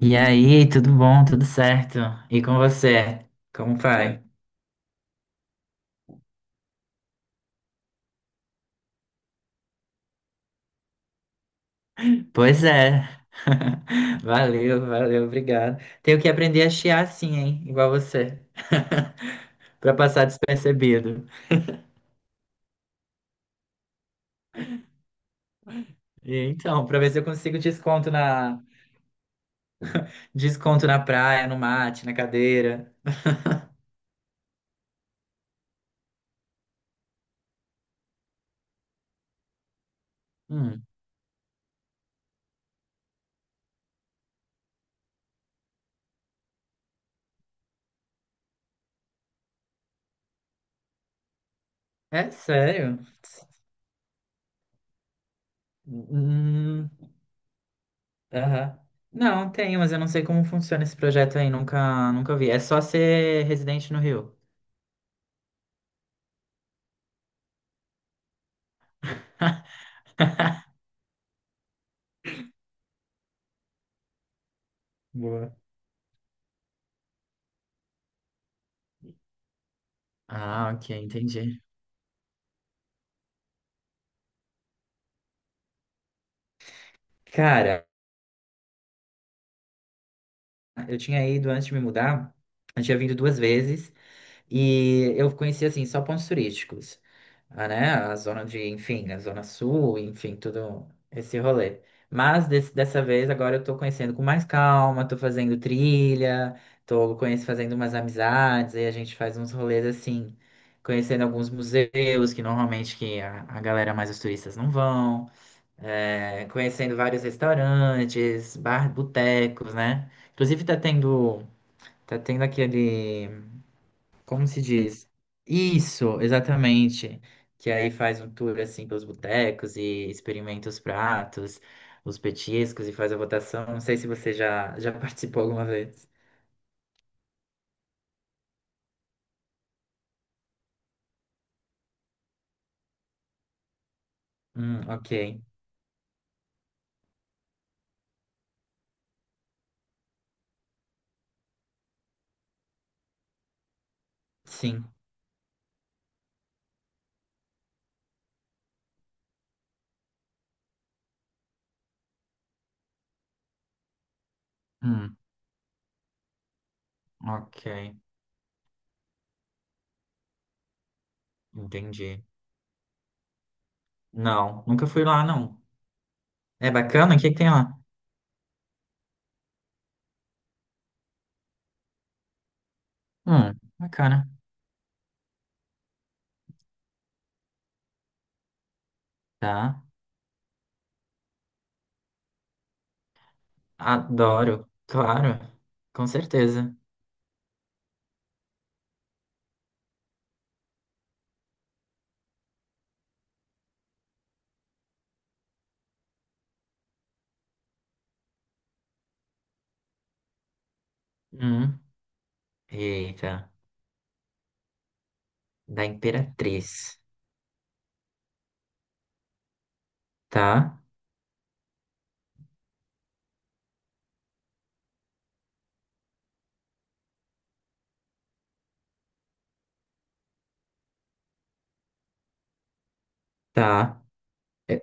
E aí, tudo bom? Tudo certo? E com você? Como vai? Pois é. Valeu, valeu, obrigado. Tenho que aprender a chiar assim, hein? Igual você. Pra passar despercebido. E então, pra ver se eu consigo desconto na praia, no mate, na cadeira. Hum, é sério? Hum, aham. Não, tem, mas eu não sei como funciona esse projeto aí, nunca vi. É só ser residente no Rio. Boa. Ah, ok, entendi. Cara, eu tinha ido antes de me mudar, eu tinha vindo duas vezes e eu conhecia assim só pontos turísticos, ah, né? A zona de, enfim, a zona sul, enfim, tudo esse rolê. Mas dessa vez agora eu tô conhecendo com mais calma, tô fazendo trilha, tô conhecendo, fazendo umas amizades, aí a gente faz uns rolês assim, conhecendo alguns museus que normalmente a galera mais os turistas não vão. É, conhecendo vários restaurantes, bar, botecos, né? Inclusive tá tendo aquele, como se diz? Isso, exatamente. Que aí faz um tour assim pelos botecos e experimenta os pratos, os petiscos e faz a votação. Não sei se você já participou alguma vez. Ok. Sim. Hum, ok. Entendi. Não, nunca fui lá, não. É bacana? O que que tem lá? Hum, bacana. Tá. Adoro, claro, com certeza. Hum, eita, da Imperatriz. Tá, tá. É,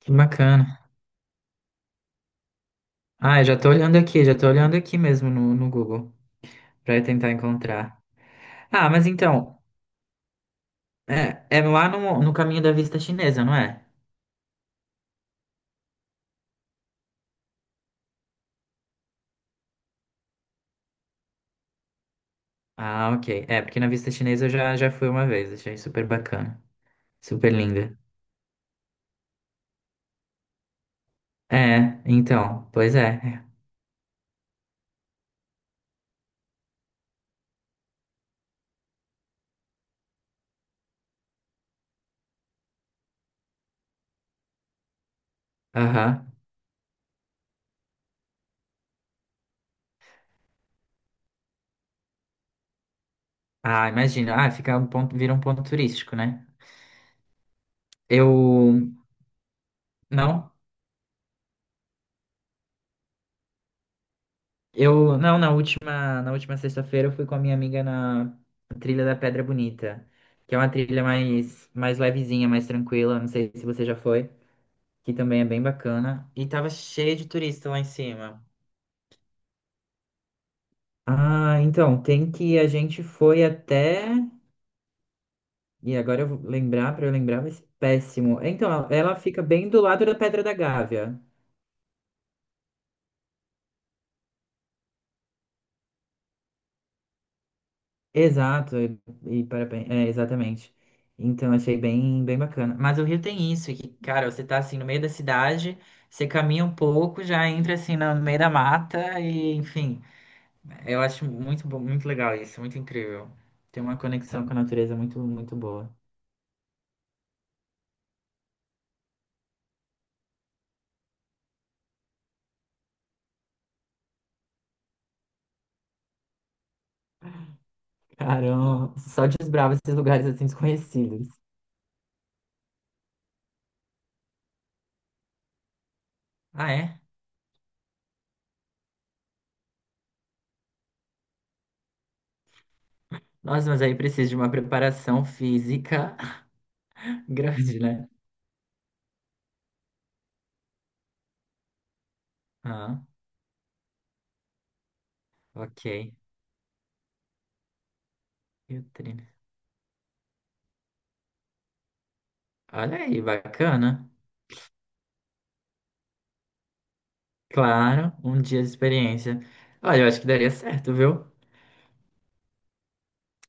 que bacana. Ah, eu já tô olhando aqui, já tô olhando aqui mesmo no Google pra tentar encontrar. Ah, mas então, é lá no caminho da vista chinesa, não é? Ah, ok. É, porque na vista chinesa eu já fui uma vez, achei super bacana. Super linda. É, então, pois é. É, aham. Ah, imagina. Ah, fica um ponto, vira um ponto turístico, né? Eu. Não? Não, na última sexta-feira eu fui com a minha amiga na trilha da Pedra Bonita, que é uma trilha mais, mais levezinha, mais tranquila, não sei se você já foi, que também é bem bacana, e tava cheio de turista lá em cima. Ah, então, tem que a gente foi até, e agora eu vou lembrar, pra eu lembrar vai ser péssimo. Então, ela fica bem do lado da Pedra da Gávea. Exato, e parabéns, é, exatamente. Então achei bem, bem bacana. Mas o Rio tem isso, que, cara, você tá assim no meio da cidade, você caminha um pouco, já entra assim no meio da mata e, enfim, eu acho muito bom, muito legal isso, muito incrível. Tem uma conexão com a natureza muito, muito boa. Caramba, só desbrava esses lugares assim desconhecidos. Ah, é? Nossa, mas aí precisa de uma preparação física grande, né? Ah, ok. E o Olha aí, bacana. Claro, um dia de experiência. Olha, eu acho que daria certo, viu?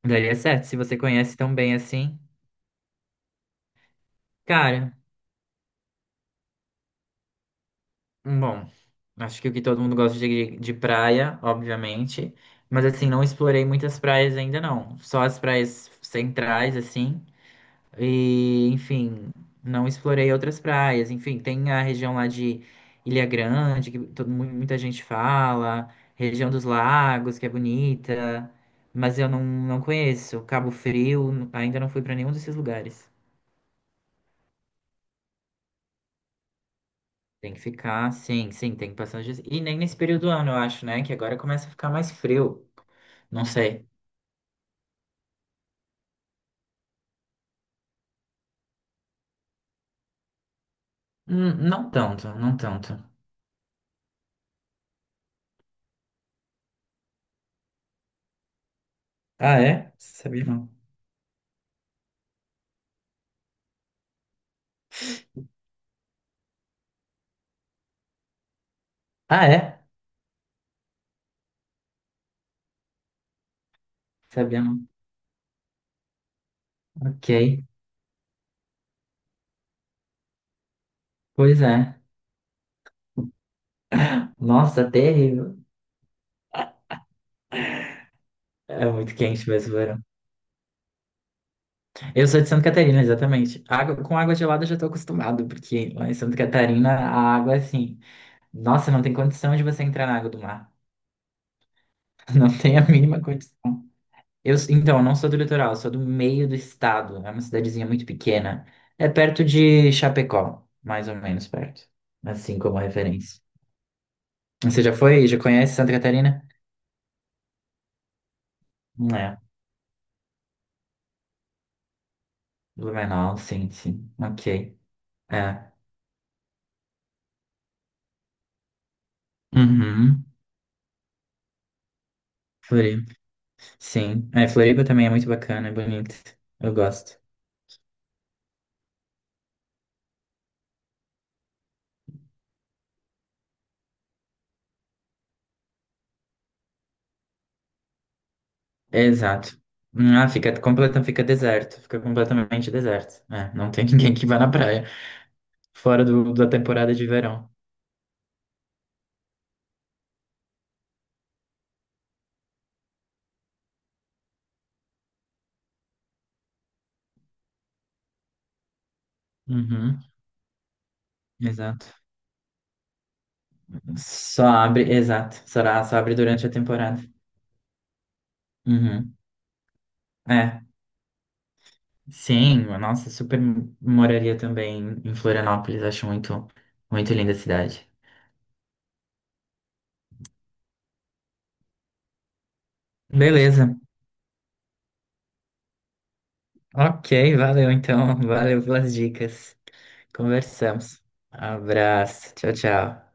Daria certo, se você conhece tão bem assim. Cara, bom, acho que o que todo mundo gosta de praia, obviamente. Mas assim, não explorei muitas praias ainda não. Só as praias centrais, assim. E, enfim, não explorei outras praias. Enfim, tem a região lá de Ilha Grande, que todo, muita gente fala, região dos lagos, que é bonita, mas eu não, não conheço. Cabo Frio, ainda não fui para nenhum desses lugares. Tem que ficar, sim, sim, tem que passar os dias. E nem nesse período do ano, eu acho, né? Que agora começa a ficar mais frio. Não sei. Não tanto, não tanto. Ah, é? Sabia não. Ah, é? Sabia não. Ok. Pois é. Nossa, terrível. É muito quente mesmo o verão. Eu sou de Santa Catarina, exatamente. Água, com água gelada eu já tô acostumado, porque lá em Santa Catarina a água é assim. Nossa, não tem condição de você entrar na água do mar. Não tem a mínima condição. Então, eu não sou do litoral, eu sou do meio do estado. É uma cidadezinha muito pequena. É perto de Chapecó, mais ou menos perto. Assim como referência. Você já foi? Já conhece Santa Catarina? É. Blumenau, sim, sim. Ok. É. Uhum. Sim. É, Floripa também é muito bacana, é bonito. Eu gosto. Exato. Hum. Ah, fica completa, fica deserto. Fica completamente deserto. É, não tem ninguém que vá na praia. Fora do, da temporada de verão. Uhum, exato. Só abre, exato. Só abre durante a temporada. Uhum. É. Sim, nossa, super moraria também em Florianópolis. Acho muito, muito linda a cidade. Beleza. Ok, valeu então. Valeu pelas dicas. Conversamos. Abraço. Tchau, tchau.